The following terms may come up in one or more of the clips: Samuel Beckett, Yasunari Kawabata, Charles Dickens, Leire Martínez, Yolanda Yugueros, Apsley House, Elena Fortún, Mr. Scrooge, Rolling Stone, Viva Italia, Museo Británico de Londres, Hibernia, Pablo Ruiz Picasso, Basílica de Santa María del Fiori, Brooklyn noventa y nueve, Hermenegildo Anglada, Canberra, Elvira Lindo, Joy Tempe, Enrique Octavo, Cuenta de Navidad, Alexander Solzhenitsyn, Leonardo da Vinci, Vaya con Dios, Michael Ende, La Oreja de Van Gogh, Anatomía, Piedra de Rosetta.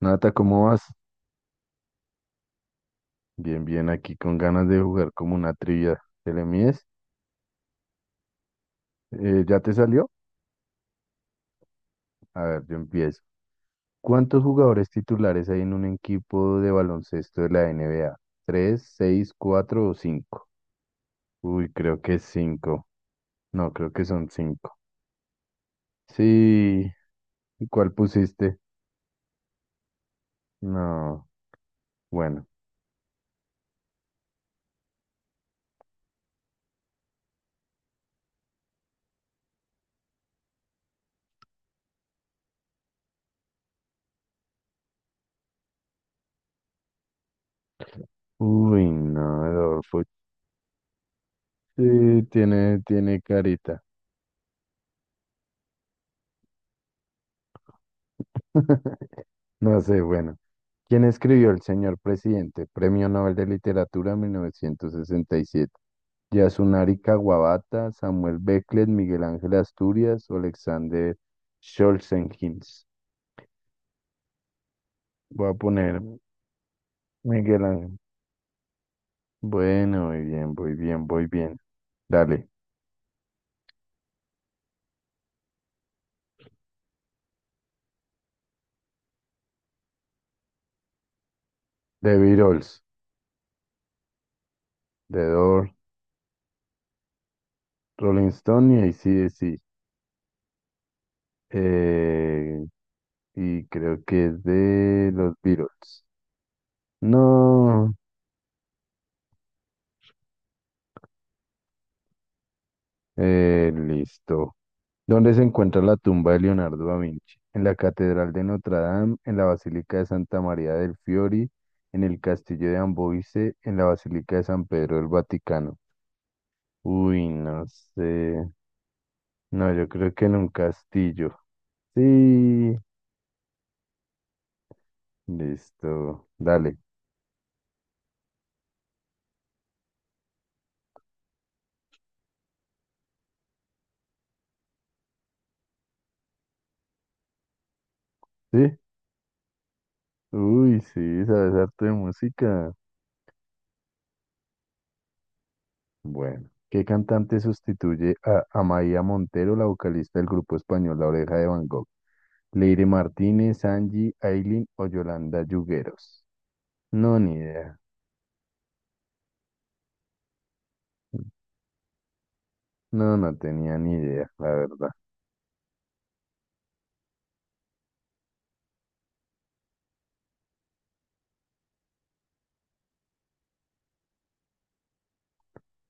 Nata, ¿cómo vas? Bien, bien, aquí con ganas de jugar como una trivia. ¿Te le mides? ¿Ya te salió? A ver, yo empiezo. ¿Cuántos jugadores titulares hay en un equipo de baloncesto de la NBA? ¿Tres, seis, cuatro o cinco? Uy, creo que es cinco. No, creo que son cinco. Sí. ¿Y cuál pusiste? No. Bueno. Uy, no, Adolfo. Sí, tiene carita. No sé, bueno. ¿Quién escribió El señor presidente? Premio Nobel de Literatura 1967. Yasunari Kawabata, Samuel Beckett, Miguel Ángel Asturias o Alexander Solzhenitsyn. Voy a poner Miguel Ángel. Bueno, muy bien, muy bien, muy bien. Dale. The Beatles, The Door, Rolling Stone y AC/DC. Eh, y creo que es de los Beatles. No, listo. ¿Dónde se encuentra la tumba de Leonardo da Vinci? En la Catedral de Notre Dame, en la Basílica de Santa María del Fiori, en el Castillo de Amboise, en la Basílica de San Pedro del Vaticano. Uy, no sé. No, yo creo que en un castillo. Sí, listo. Dale. ¿Sí? Uy, sí, sabes harto de música. Bueno, ¿qué cantante sustituye a Amaia Montero, la vocalista del grupo español La Oreja de Van Gogh? ¿Leire Martínez, Angie, Ailin o Yolanda Yugueros? No, ni idea. No, no tenía ni idea, la verdad.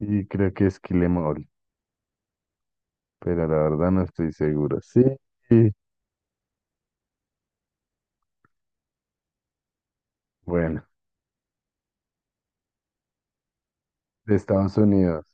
Y creo que es Kilemol, pero la verdad no estoy seguro. Sí, sí. Bueno, de Estados Unidos,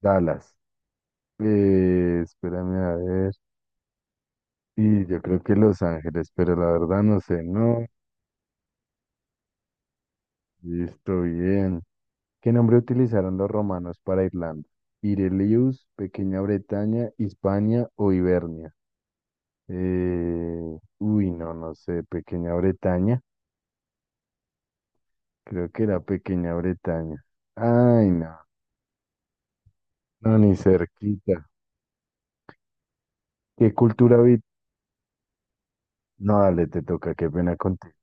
Dallas. Espérame a ver. Y yo creo que Los Ángeles, pero la verdad no sé. No, listo, bien. ¿Qué nombre utilizaron los romanos para Irlanda? Irelius, Pequeña Bretaña, Hispania o Hibernia. Uy, no, no sé, Pequeña Bretaña. Creo que era Pequeña Bretaña. Ay, no, no, ni cerquita. ¿Qué cultura vi? No, dale, te toca, qué pena contigo.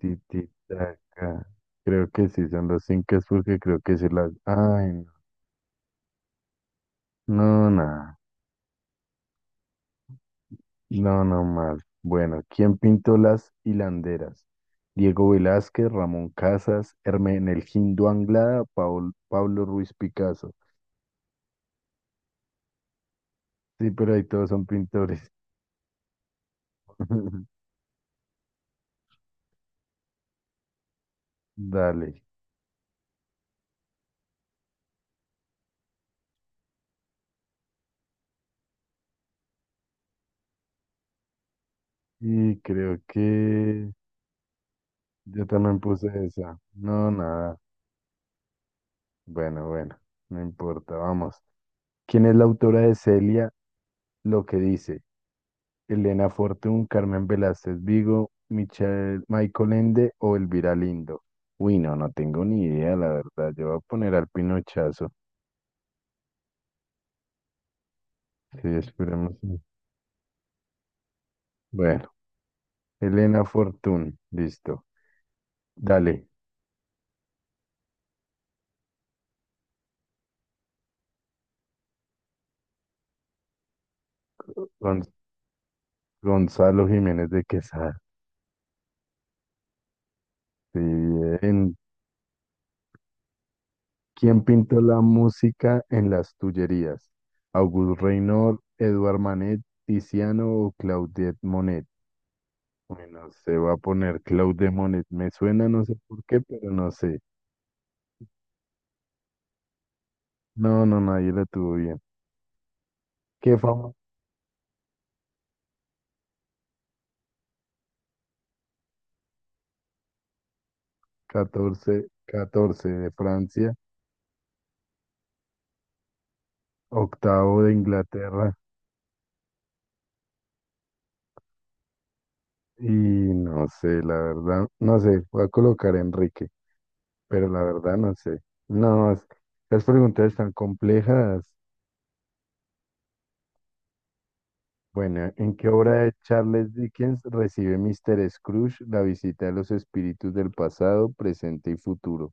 Titicaca. Creo que sí, son los incas porque creo que sí las... Ay, no, no, nada. No, no mal. Bueno, ¿quién pintó las hilanderas? Diego Velázquez, Ramón Casas, Hermenegildo Anglada, Pablo Ruiz Picasso. Sí, pero ahí todos son pintores. Dale. Y creo que yo también puse esa. No, nada. Bueno, bueno, no importa, vamos. ¿Quién es la autora de Celia? Lo que dice. Elena Fortún, Carmen Velázquez Vigo, Michael Ende o Elvira Lindo. Uy, no, no tengo ni idea, la verdad. Yo voy a poner al Pinochazo. Sí, esperemos. Bueno, Elena Fortún, listo. Dale, Gon- Gonzalo Jiménez de Quesada. Sí, bien. ¿Quién pintó la música en las Tullerías? Auguste Renoir, Edouard Manet, Tiziano o Claudette Monet. Bueno, se va a poner Cloud Demonet. Me suena, no sé por qué, pero no sé. No, no, nadie la tuvo bien. ¿Qué fama? Catorce, 14 de Francia, octavo de Inglaterra. Y no sé, la verdad, no sé, voy a colocar a Enrique, pero la verdad no sé. No, es- Las preguntas están complejas. Bueno, ¿en qué obra de Charles Dickens recibe Mr. Scrooge la visita de los espíritus del pasado, presente y futuro?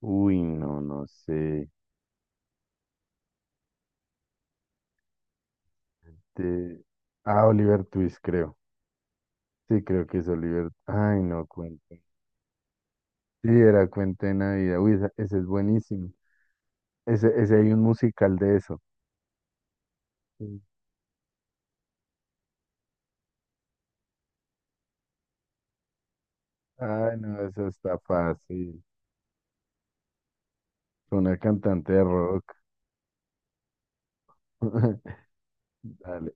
Uy, no, no sé. Este, Oliver Twist, creo. Sí, creo que es Oliver. Ay, no, Cuenten. Sí, era Cuenta de Navidad. Uy, ese, es buenísimo. Ese hay un musical de eso. Sí. Ay, no, eso está fácil. Fue una cantante de rock. Dale,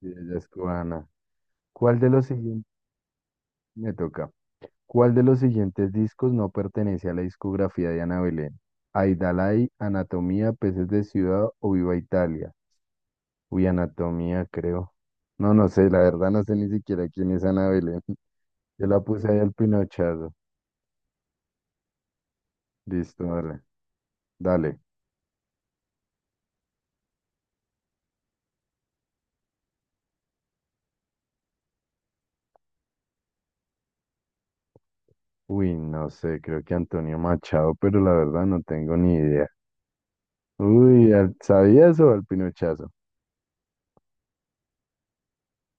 sí, ella es cubana. ¿Cuál de los siguientes? Me toca. ¿Cuál de los siguientes discos no pertenece a la discografía de Ana Belén? Aidalay, Anatomía, Peces de Ciudad o Viva Italia. Uy, anatomía, creo. No, no sé, la verdad no sé ni siquiera quién es Ana Belén. Yo la puse ahí al pinochazo. Listo, dale. Dale. Uy, no sé, creo que Antonio Machado, pero la verdad no tengo ni idea. Uy, ¿al- ¿sabías o al pinochazo?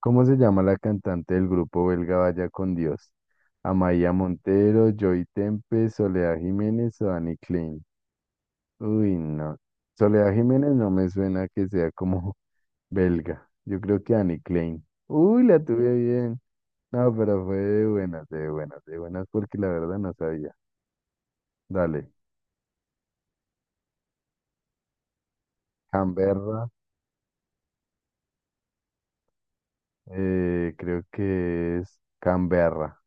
¿Cómo se llama la cantante del grupo belga Vaya con Dios? Amaya Montero, Joy Tempe, Soledad Jiménez o Dani Klein. Uy, no. Soledad Jiménez no me suena que sea como belga. Yo creo que Annie Klein. Uy, la tuve bien. No, pero fue de buenas, de buenas, de buenas, porque la verdad no sabía. Dale. Canberra. Creo que es Canberra.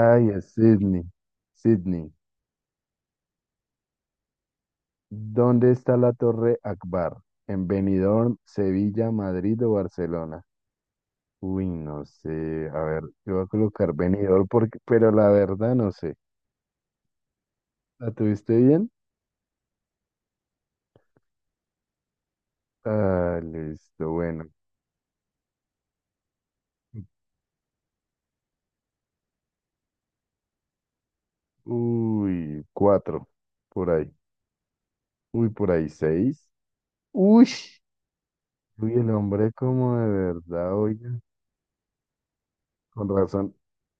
Ay, es Sydney. Sydney. ¿Dónde está la Torre Akbar? ¿En Benidorm, Sevilla, Madrid o Barcelona? Uy, no sé. A ver, yo voy a colocar Benidorm porque, pero la verdad no sé. ¿La tuviste bien? Ah, listo, bueno. Uy, cuatro, por ahí. Uy, por ahí seis. Uy, uy, el hombre como de verdad, oiga. Con razón,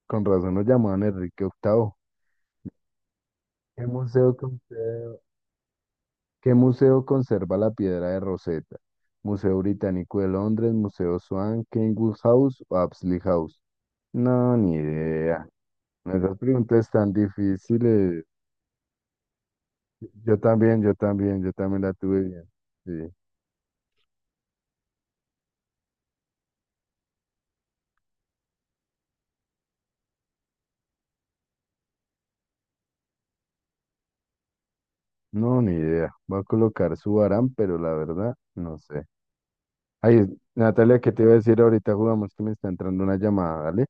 con razón nos llamaban Enrique Octavo. ¿Qué museo, conserva- ¿Qué museo conserva la piedra de Rosetta? ¿Museo Británico de Londres, Museo Swan, Kenwood House o Apsley House? No, ni idea. Esas preguntas tan difíciles. Yo también, yo también, yo también la tuve bien. Sí. No, ni idea. Va a colocar su Aram, pero la verdad, no sé. Ay, Natalia, ¿qué te iba a decir ahorita? Jugamos que me está entrando una llamada, ¿vale?